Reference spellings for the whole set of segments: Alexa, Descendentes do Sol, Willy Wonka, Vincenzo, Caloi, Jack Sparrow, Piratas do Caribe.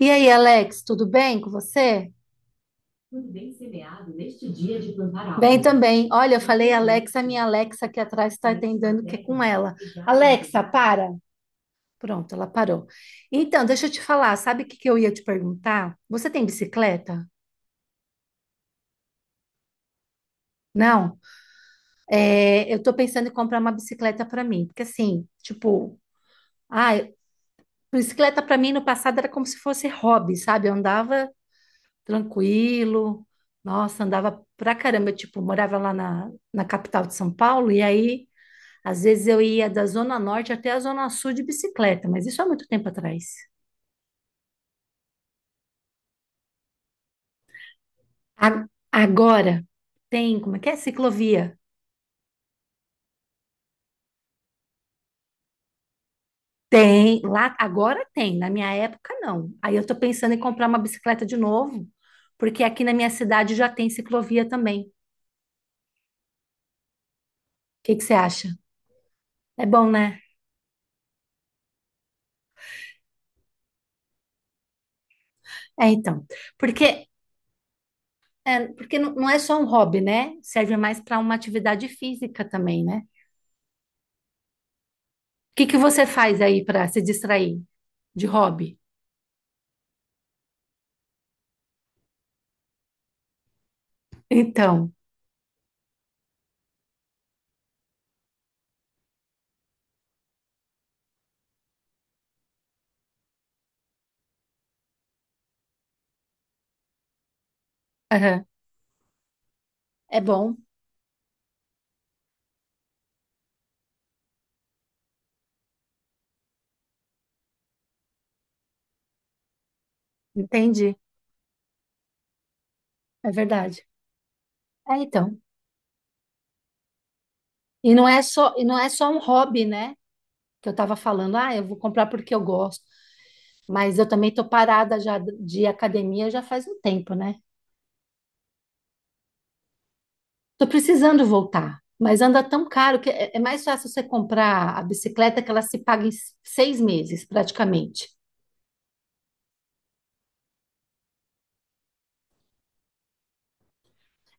E aí, Alex, tudo bem com você? Bem também. Olha, eu falei Alexa, a minha Alexa aqui atrás está entendendo que é com ela. Alexa, para. Pronto, ela parou. Então, deixa eu te falar, sabe o que que eu ia te perguntar? Você tem bicicleta? Não? É, eu tô pensando em comprar uma bicicleta para mim, porque assim, tipo, ah, bicicleta para mim no passado era como se fosse hobby, sabe? Eu andava tranquilo. Nossa, andava pra caramba. Eu, tipo, morava lá na capital de São Paulo, e aí, às vezes, eu ia da Zona Norte até a Zona Sul de bicicleta, mas isso há muito tempo atrás. Agora tem, como é que é? Ciclovia. Tem, lá agora tem, na minha época não. Aí eu tô pensando em comprar uma bicicleta de novo, porque aqui na minha cidade já tem ciclovia também. O que que você acha? É bom, né? É, então. Porque É, porque não é só um hobby, né? Serve mais para uma atividade física também, né? O que que você faz aí para se distrair de hobby? Então, aham, é bom, entendi, é verdade. É, então. E não é só um hobby, né? Que eu estava falando, ah, eu vou comprar porque eu gosto. Mas eu também tô parada já de academia já faz um tempo, né? Tô precisando voltar, mas anda tão caro que é mais fácil você comprar a bicicleta, que ela se paga em 6 meses, praticamente.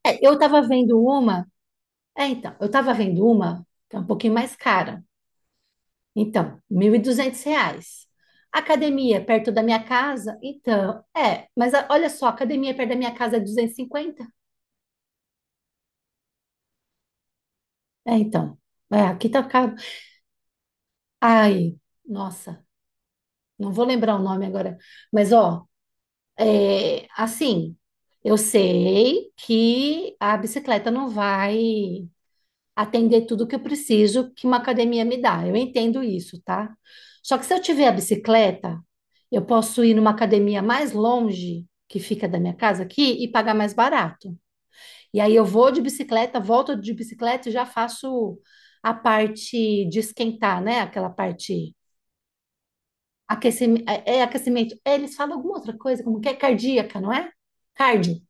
É, eu estava vendo uma, é, então, eu estava vendo uma, que é um pouquinho mais cara. Então, R$ 1.200. Academia perto da minha casa, então, é, mas olha só, academia perto da minha casa é 250. É, então, é, aqui tá caro. Ai, nossa, não vou lembrar o nome agora, mas ó, é, assim, eu sei que a bicicleta não vai atender tudo que eu preciso que uma academia me dá. Eu entendo isso, tá? Só que se eu tiver a bicicleta, eu posso ir numa academia mais longe, que fica da minha casa aqui, e pagar mais barato. E aí eu vou de bicicleta, volto de bicicleta e já faço a parte de esquentar, né? Aquela parte aquecimento, é aquecimento. Eles falam alguma outra coisa, como que é cardíaca, não é? Cardio.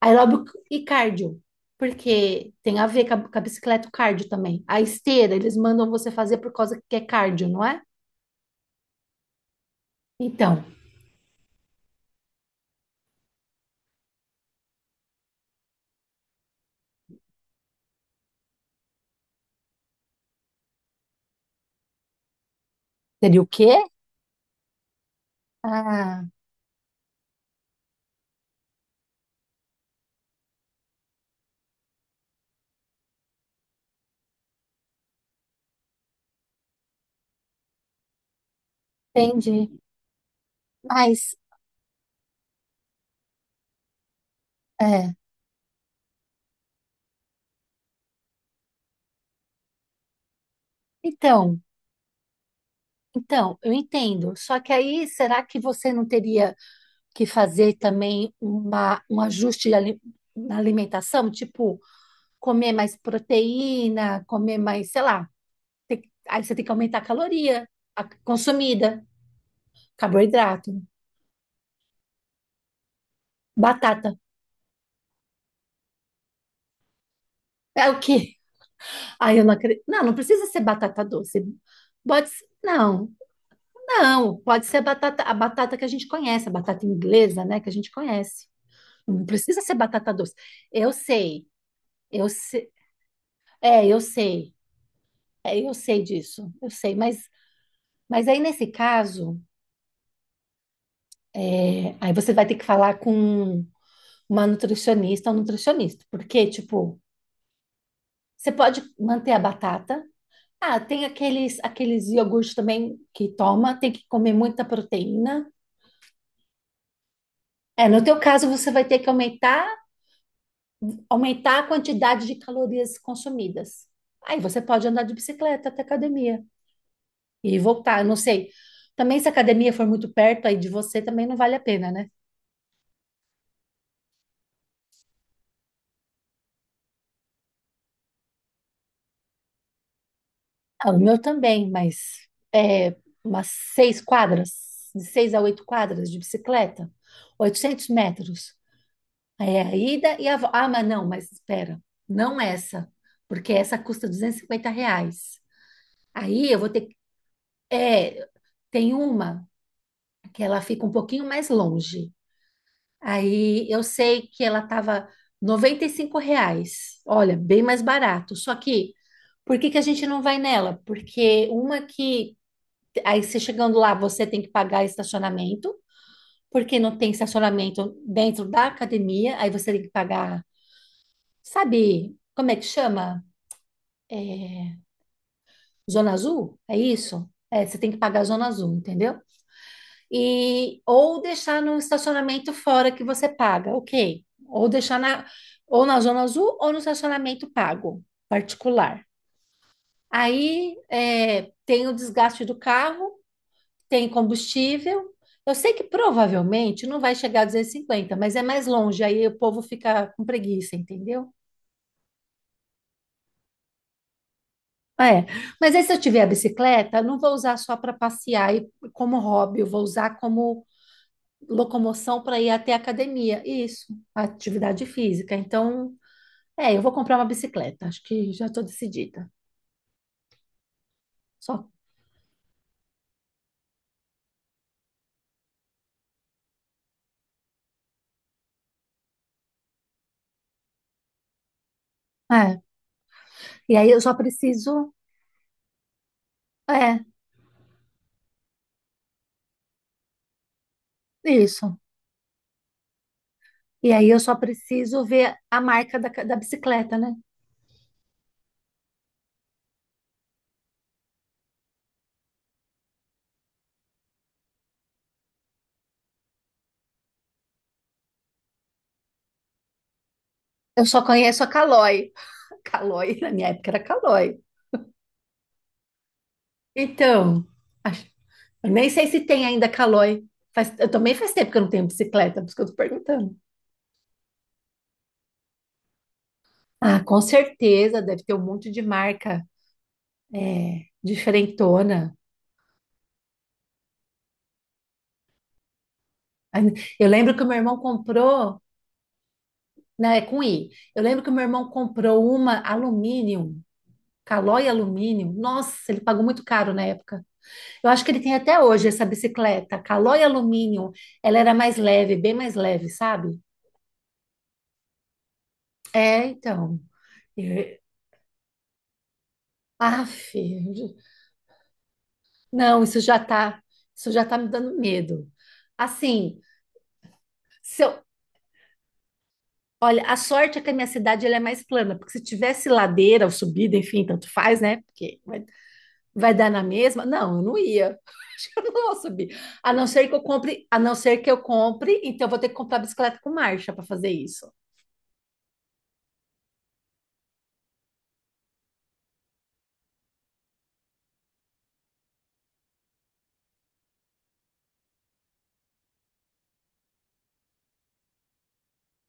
Aeróbico e cardio, porque tem a ver com com a bicicleta o cardio também. A esteira, eles mandam você fazer por causa que é cardio, não é? Então, seria o quê? Ah, entendi. Mas, é. Então, então, eu entendo. Só que aí, será que você não teria que fazer também um ajuste na alimentação? Tipo, comer mais proteína, comer mais, sei lá. Tem- aí você tem que aumentar a consumida, carboidrato. Batata. É o quê? Ai, eu não acredito. Não, não precisa ser batata doce. Pode ser, não. Pode ser a batata que a gente conhece, a batata inglesa, né, que a gente conhece. Não precisa ser batata doce. Eu sei, eu sei. É, eu sei. É, eu sei disso. Eu sei, mas aí nesse caso, é, aí você vai ter que falar com uma nutricionista ou nutricionista, porque, tipo, você pode manter a batata. Ah, tem aqueles, aqueles iogurtes também que toma, tem que comer muita proteína. É, no teu caso, você vai ter que aumentar a quantidade de calorias consumidas. Aí você pode andar de bicicleta até a academia e voltar, eu não sei. Também se a academia for muito perto aí de você, também não vale a pena, né? Ah, o meu também, mas é umas 6 quadras, de 6 a 8 quadras de bicicleta, 800 metros. É a ida e a volta. Ah, mas não, mas espera, não essa, porque essa custa R$ 250. Aí eu vou ter que. É, tem uma que ela fica um pouquinho mais longe. Aí eu sei que ela estava R$ 95. Olha, bem mais barato. Só que, por que que a gente não vai nela? Porque uma que. Aí você chegando lá, você tem que pagar estacionamento, porque não tem estacionamento dentro da academia, aí você tem que pagar. Sabe como é que chama? É, Zona Azul? É isso? É, você tem que pagar a Zona Azul, entendeu? E, ou deixar no estacionamento fora que você paga, ok. Ou deixar na, ou na Zona Azul ou no estacionamento pago, particular. Aí é, tem o desgaste do carro, tem combustível. Eu sei que provavelmente não vai chegar a 250, mas é mais longe, aí o povo fica com preguiça, entendeu? É, mas aí se eu tiver a bicicleta, eu não vou usar só para passear e como hobby, eu vou usar como locomoção para ir até a academia. Isso, atividade física. Então, é, eu vou comprar uma bicicleta, acho que já estou decidida. Só. É. E aí eu só preciso. É, isso. E aí eu só preciso ver a marca da bicicleta, né? Eu só conheço a Caloi. Caloi, na minha época era Caloi. Então, eu nem sei se tem ainda Calói. Faz, eu também faz tempo que eu não tenho bicicleta, por isso que eu tô perguntando. Ah, com certeza, deve ter um monte de marca é, diferentona. Ah, Eu lembro que o meu irmão comprou, né, é com I. Eu lembro que o meu irmão comprou uma alumínio, Calói alumínio. Nossa, ele pagou muito caro na época. Eu acho que ele tem até hoje essa bicicleta, Calói alumínio. Ela era mais leve, bem mais leve, sabe? É, então. Eu- Aff, Não, isso já tá me dando medo. Assim, se eu, olha, a sorte é que a minha cidade ela é mais plana, porque se tivesse ladeira ou subida, enfim, tanto faz, né? Porque vai, vai dar na mesma. Não, eu não ia. Acho que eu não vou subir. A não ser que eu compre, então eu vou ter que comprar bicicleta com marcha para fazer isso.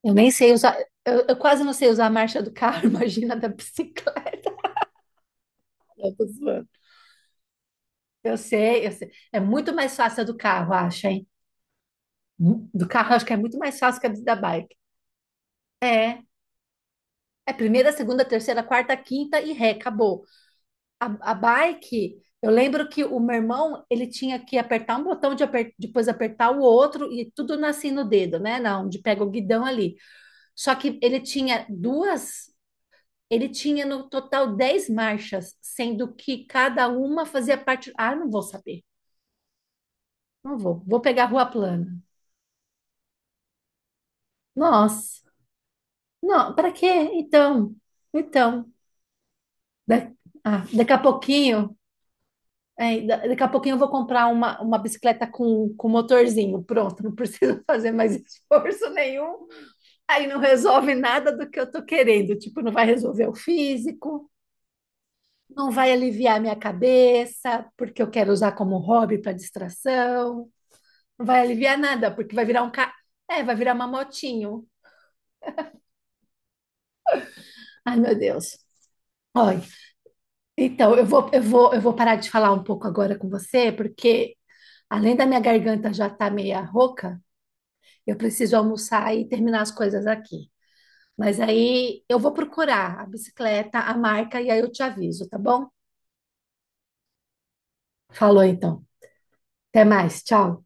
Eu nem sei usar, eu quase não sei usar a marcha do carro, imagina da bicicleta. Eu tô zoando. Eu sei. É muito mais fácil a do carro, acho, hein? Do carro, acho que é muito mais fácil que a da bike. É. É primeira, segunda, terceira, quarta, quinta e ré, acabou. A bike, eu lembro que o meu irmão, ele tinha que apertar um botão, de depois apertar o outro e tudo nascia no dedo, né? Na onde pega o guidão ali. Só que ele tinha duas, ele tinha no total 10 marchas, sendo que cada uma fazia parte. Ah, não vou saber, não vou. Vou pegar a rua plana. Nossa, não, para quê? Então, então. Da- ah, daqui a pouquinho, é, daqui a pouquinho eu vou comprar uma bicicleta com motorzinho. Pronto, não preciso fazer mais esforço nenhum. Aí não resolve nada do que eu tô querendo. Tipo, não vai resolver o físico, não vai aliviar minha cabeça, porque eu quero usar como hobby para distração. Não vai aliviar nada, porque vai virar um ca... É, vai virar uma motinho. Ai, meu Deus. Olha, então eu vou parar de falar um pouco agora com você, porque além da minha garganta já estar meia rouca, eu preciso almoçar e terminar as coisas aqui. Mas aí eu vou procurar a bicicleta, a marca e aí eu te aviso, tá bom? Falou então. Até mais. Tchau.